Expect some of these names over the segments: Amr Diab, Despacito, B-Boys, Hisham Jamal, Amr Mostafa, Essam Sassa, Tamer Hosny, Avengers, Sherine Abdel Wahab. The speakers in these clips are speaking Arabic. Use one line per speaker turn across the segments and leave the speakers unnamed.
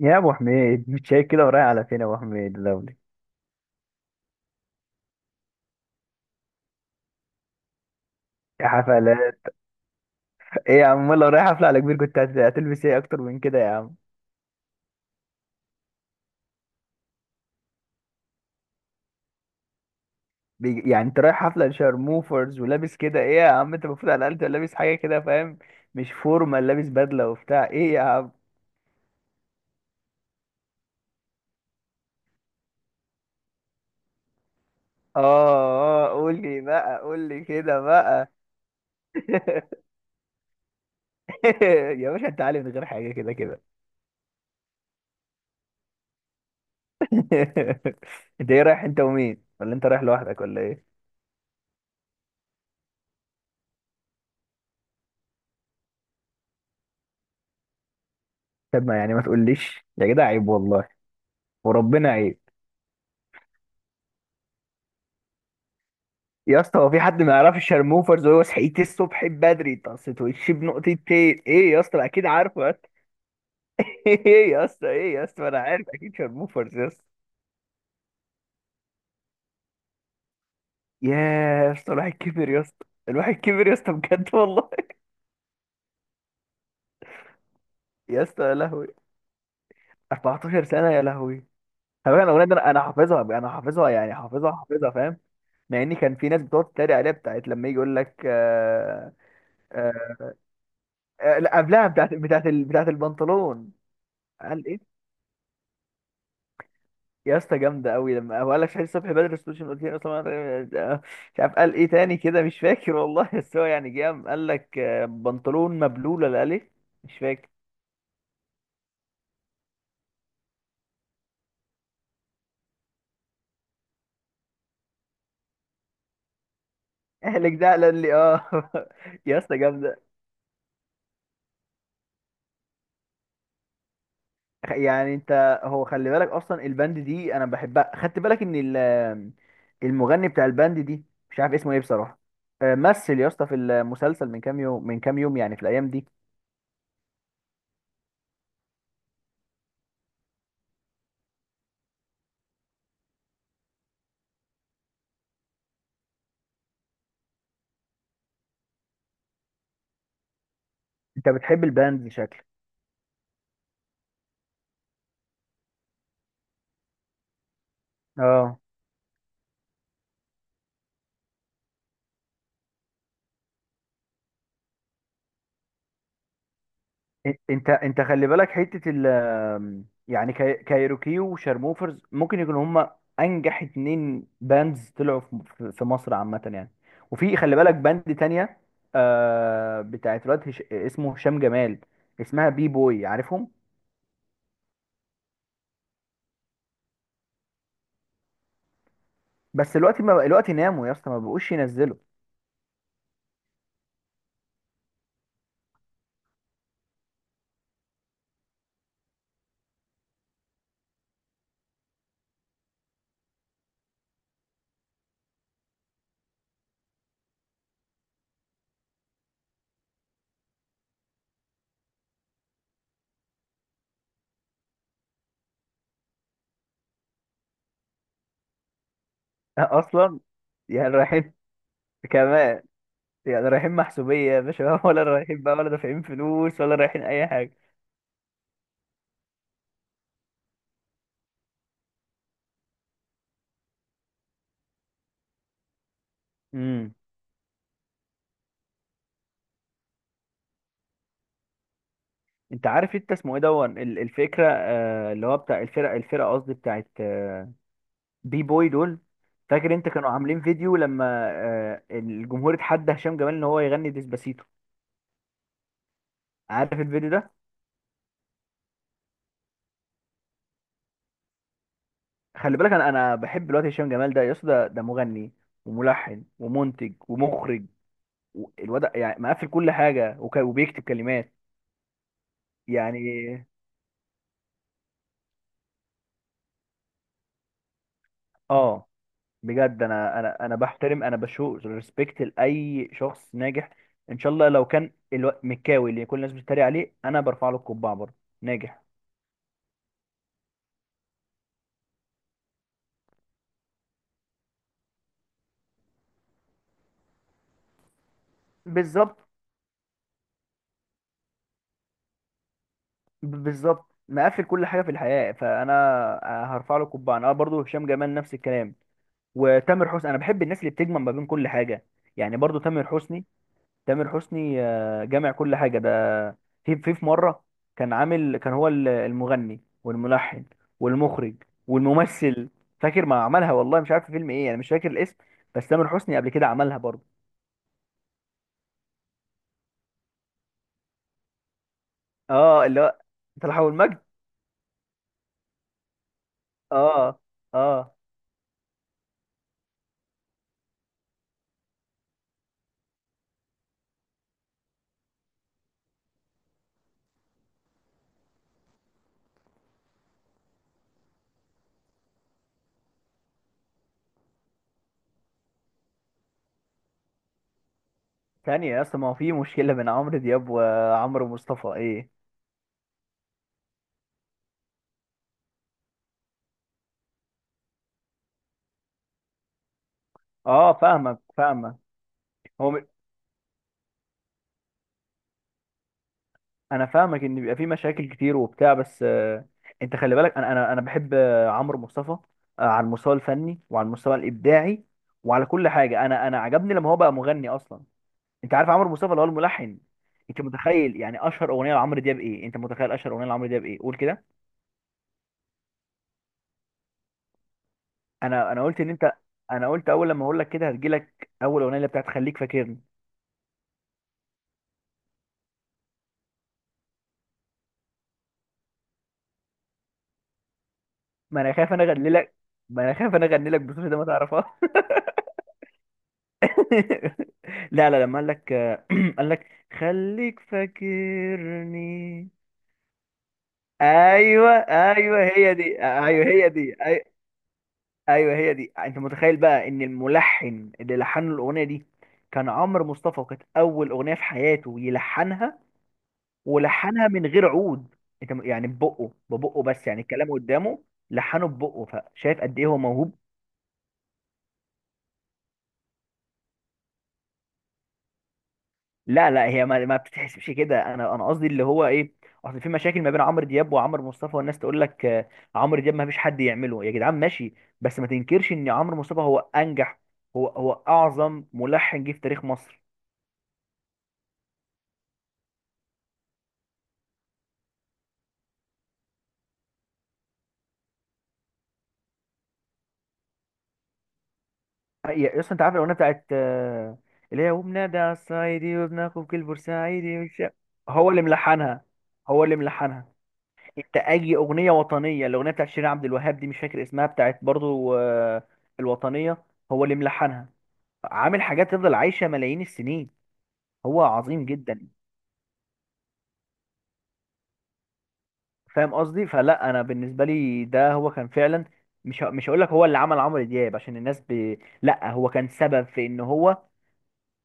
يا ابو حميد، مش شايف كده؟ ورايح على فين يا ابو حميد لولي؟ يا حفلات! ايه يا عم؟ والله رايح حفله على كبير، كنت هتلبس ايه اكتر من كده يا عم؟ يعني انت رايح حفله لشارموفرز ولابس كده؟ ايه يا عم، انت المفروض على الاقل تبقى لابس حاجه كده، فاهم؟ مش فورمال، لابس بدله وبتاع، ايه يا عم؟ اه، اه، قول لي بقى، قول لي كده بقى. يا باشا، انت عالي من غير حاجه، كده كده. انت ايه؟ رايح انت ومين ولا انت رايح لوحدك ولا ايه؟ طب ما يعني ما تقوليش يا جدع، عيب والله. وربنا عيب. يا اسطى، هو في حد ما يعرفش شرموفرز؟ وهو صحيت الصبح بدري طست وشي بنقطتين ايه يا اسطى، اكيد عارفه يا اسطى. ايه يا اسطى؟ ايه يا اسطى؟ انا عارف اكيد شرموفرز يا اسطى. يا يا اسطى الواحد كبر يا اسطى، الواحد كبر يا اسطى، بجد والله. يا اسطى، يا لهوي، 14 سنة، يا لهوي. خلي بالك انا الاغنية دي، انا حافظها، انا حافظها يعني، حافظها حافظها، فاهم؟ مع ان كان في ناس بتقعد تتريق عليها، بتاعت لما يجي يقول لك آه. آه، آه، لا، قبلها بتاعت بتاعت البنطلون. قال ايه؟ يا اسطى جامده قوي، لما هو قال لك شهيد الصبح بدر السوشيال ميديا اصلا، مش عارف قال ايه تاني كده، مش فاكر والله. بس هو يعني جه قام قال لك بنطلون مبلول ولا قال ايه؟ مش فاكر. اهلك ده قال لي اه. يا اسطى جامده. يعني انت، هو خلي بالك اصلا الباند دي انا بحبها، خدت بالك ان المغني بتاع الباند دي مش عارف اسمه ايه بصراحه. مثل يا اسطى في المسلسل من كام يوم يعني، في الايام دي. انت بتحب الباند شكلك؟ اه. انت خلي بالك حته ال آمم، يعني كايروكي وشارموفرز ممكن يكونوا هما انجح اتنين باندز طلعوا في مصر عامه يعني. وفي خلي بالك باند تانية. آه بتاعت الواد اسمه هشام جمال. اسمها بي بوي، عارفهم؟ بس دلوقتي ما بق- دلوقتي ناموا يا اسطى، ما بقوش ينزلوا. اصلا يعني رايحين، كمان يعني رايحين محسوبيه يا باشا ولا رايحين بقى؟ ولا دافعين فلوس؟ ولا رايحين اي حاجه؟ إمم. انت عارف، انت اسمه ايه دون الفكره، اللي هو بتاع الفرقه، قصدي بتاعت بي بوي دول؟ فاكر انت كانوا عاملين فيديو لما الجمهور اتحدى هشام جمال ان هو يغني ديسباسيتو؟ عارف الفيديو ده؟ خلي بالك انا بحب الواد هشام جمال ده يا اسطى، ده مغني وملحن ومنتج ومخرج، الواد يعني مقفل كل حاجه وبيكتب كلمات يعني. اه. بجد انا بحترم، انا بشوف ريسبكت لاي شخص ناجح. ان شاء الله لو كان مكاوي اللي كل الناس بتتريق عليه، انا برفع له القبعه برضه، ناجح. بالظبط، بالظبط، مقفل كل حاجه في الحياه، فانا هرفع له القبعه انا برضه، هشام جمال نفس الكلام. وتامر حسني، انا بحب الناس اللي بتجمع ما بين كل حاجه. يعني برضه تامر حسني، تامر حسني، جامع كل حاجه ده. في مره، كان عامل، كان هو المغني والملحن والمخرج والممثل. فاكر ما عملها والله، مش عارف في فيلم ايه، انا مش فاكر الاسم. بس تامر حسني قبل كده عملها برضه. اه، اللي هو طلع والمجد. اه. اه. ثانيه يا اسطى، ما هو في مشكله بين عمرو دياب وعمرو مصطفى ايه؟ اه، فاهمك، فاهمك. هو انا فاهمك ان بيبقى في مشاكل كتير وبتاع، بس انت خلي بالك انا بحب عمرو مصطفى، على المستوى الفني وعلى المستوى الابداعي وعلى كل حاجه، انا عجبني لما هو بقى مغني اصلا. انت عارف عمرو مصطفى اللي هو الملحن؟ انت متخيل يعني اشهر اغنيه لعمرو دياب ايه؟ انت متخيل اشهر اغنيه لعمرو دياب ايه؟ قول كده. انا قلت ان انت، انا قلت اول لما اقول لك كده هتجيلك اول اغنيه اللي بتاعت خليك فاكرني. ما انا خايف انا اغني لك، ما انا خايف انا اغني لك بصوتي ده ما تعرفهاش. لا، لا، لما قال لك قال لك خليك فاكرني. ايوه، ايوه، هي دي، ايوه، هي دي، ايوه هي دي. انت متخيل بقى ان الملحن اللي لحن له الاغنيه دي كان عمرو مصطفى، وكانت اول اغنيه في حياته يلحنها. ولحنها من غير عود. يعني ببقه بس، يعني الكلام قدامه، لحنه ببقه. فشايف قد ايه هو موهوب؟ لا، لا، هي ما بتتحسبش كده، انا قصدي اللي هو ايه، اصل في مشاكل ما بين عمرو دياب وعمرو مصطفى، والناس تقول لك عمرو دياب ما فيش حد يعمله يا جدعان، ماشي. بس ما تنكرش ان عمرو مصطفى هو انجح، هو اعظم ملحن جه في تاريخ مصر. يا اصلا، انت عارف الاغنيه بتاعت اللي هي وبنادى على الصعيدي وبناخد كل بورسعيدي، مش هو اللي ملحنها؟ هو اللي ملحنها. انت اي اغنيه وطنيه، الاغنيه بتاعت شيرين عبد الوهاب دي مش فاكر اسمها، بتاعت برضو الوطنيه، هو اللي ملحنها. عامل حاجات تفضل عايشة ملايين السنين، هو عظيم جدا. فاهم قصدي؟ فلا انا بالنسبة لي، ده هو كان فعلا، مش هقول لك هو اللي عمل عمرو دياب عشان الناس لا، هو كان سبب في ان هو،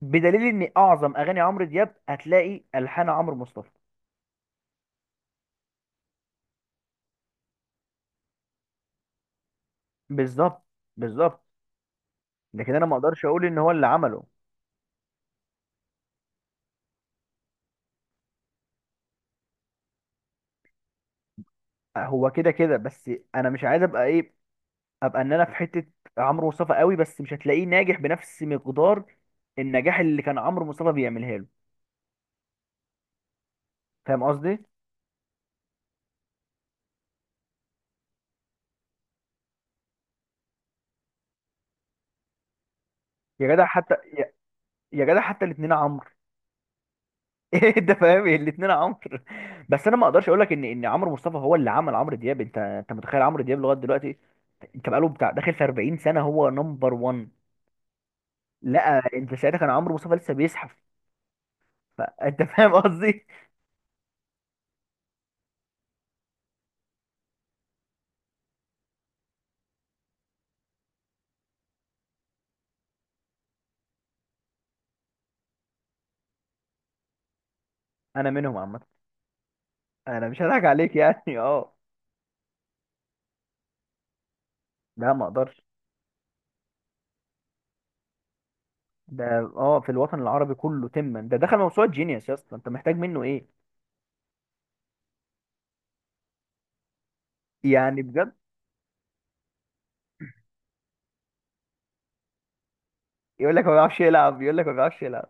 بدليل ان اعظم اغاني عمرو دياب هتلاقي الحان عمرو مصطفى. بالظبط، بالظبط. لكن انا ما اقدرش اقول ان هو اللي عمله. هو كده كده بس. انا مش عايز ابقى ايه، ابقى ان انا في حتة عمرو مصطفى قوي، بس مش هتلاقيه ناجح بنفس مقدار النجاح اللي كان عمرو مصطفى بيعملها له. فاهم قصدي؟ يا جدع حتى يا، يا جدع حتى الاثنين عمرو. ايه ده، فاهم؟ الاثنين عمرو. بس انا ما اقدرش اقول لك ان عمرو مصطفى هو اللي عمل عمرو دياب. انت متخيل عمرو دياب لغايه دلوقتي، انت بقاله بتاع داخل في 40 سنه هو نمبر 1. لا، انت ساعتها كان عمرو مصطفى لسه بيزحف. فانت فاهم قصدي. انا منهم عامه. انا مش هضحك عليك يعني، اه. لا، ما اقدرش. ده اه في الوطن العربي كله تما، ده دخل موسوعه جينيوس يا اسطى، انت محتاج منه ايه؟ يعني بجد. يقول لك ما بيعرفش يلعب، يقول لك ما بيعرفش يلعب.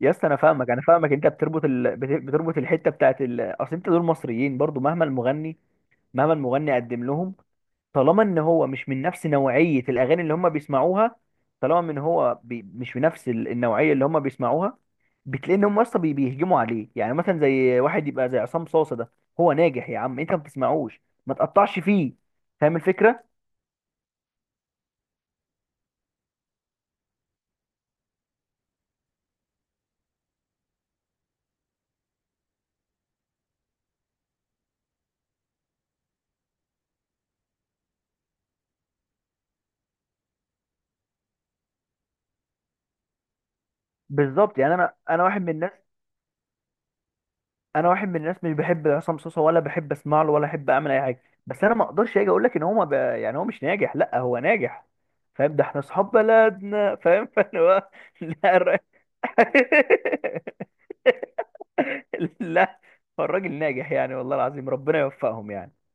يا اسطى، انا فاهمك، انت بتربط بتربط الحته بتاعت اصل انت دول مصريين برضو، مهما المغني، مهما المغني قدم لهم، طالما ان هو مش من نفس نوعيه الاغاني اللي هم بيسمعوها، طالما ان هو مش من نفس النوعيه اللي هم بيسمعوها، بتلاقي ان هم اصلا بيهجموا عليه. يعني مثلا زي واحد يبقى زي عصام صاصه ده، هو ناجح يا عم، انت ما بتسمعوش، ما تقطعش فيه. فاهم الفكره؟ بالظبط، يعني انا واحد من الناس، انا واحد من الناس مش بحب عصام صوصه ولا بحب اسمع له ولا احب اعمل اي حاجه، بس انا ما اقدرش اجي اقول لك ان هو ما ب... يعني هو مش ناجح، لا هو ناجح. فاهم؟ ده احنا اصحاب بلدنا. فاهم؟ فانا هو لا، لا، هو الراجل ناجح يعني، والله العظيم ربنا يوفقهم يعني.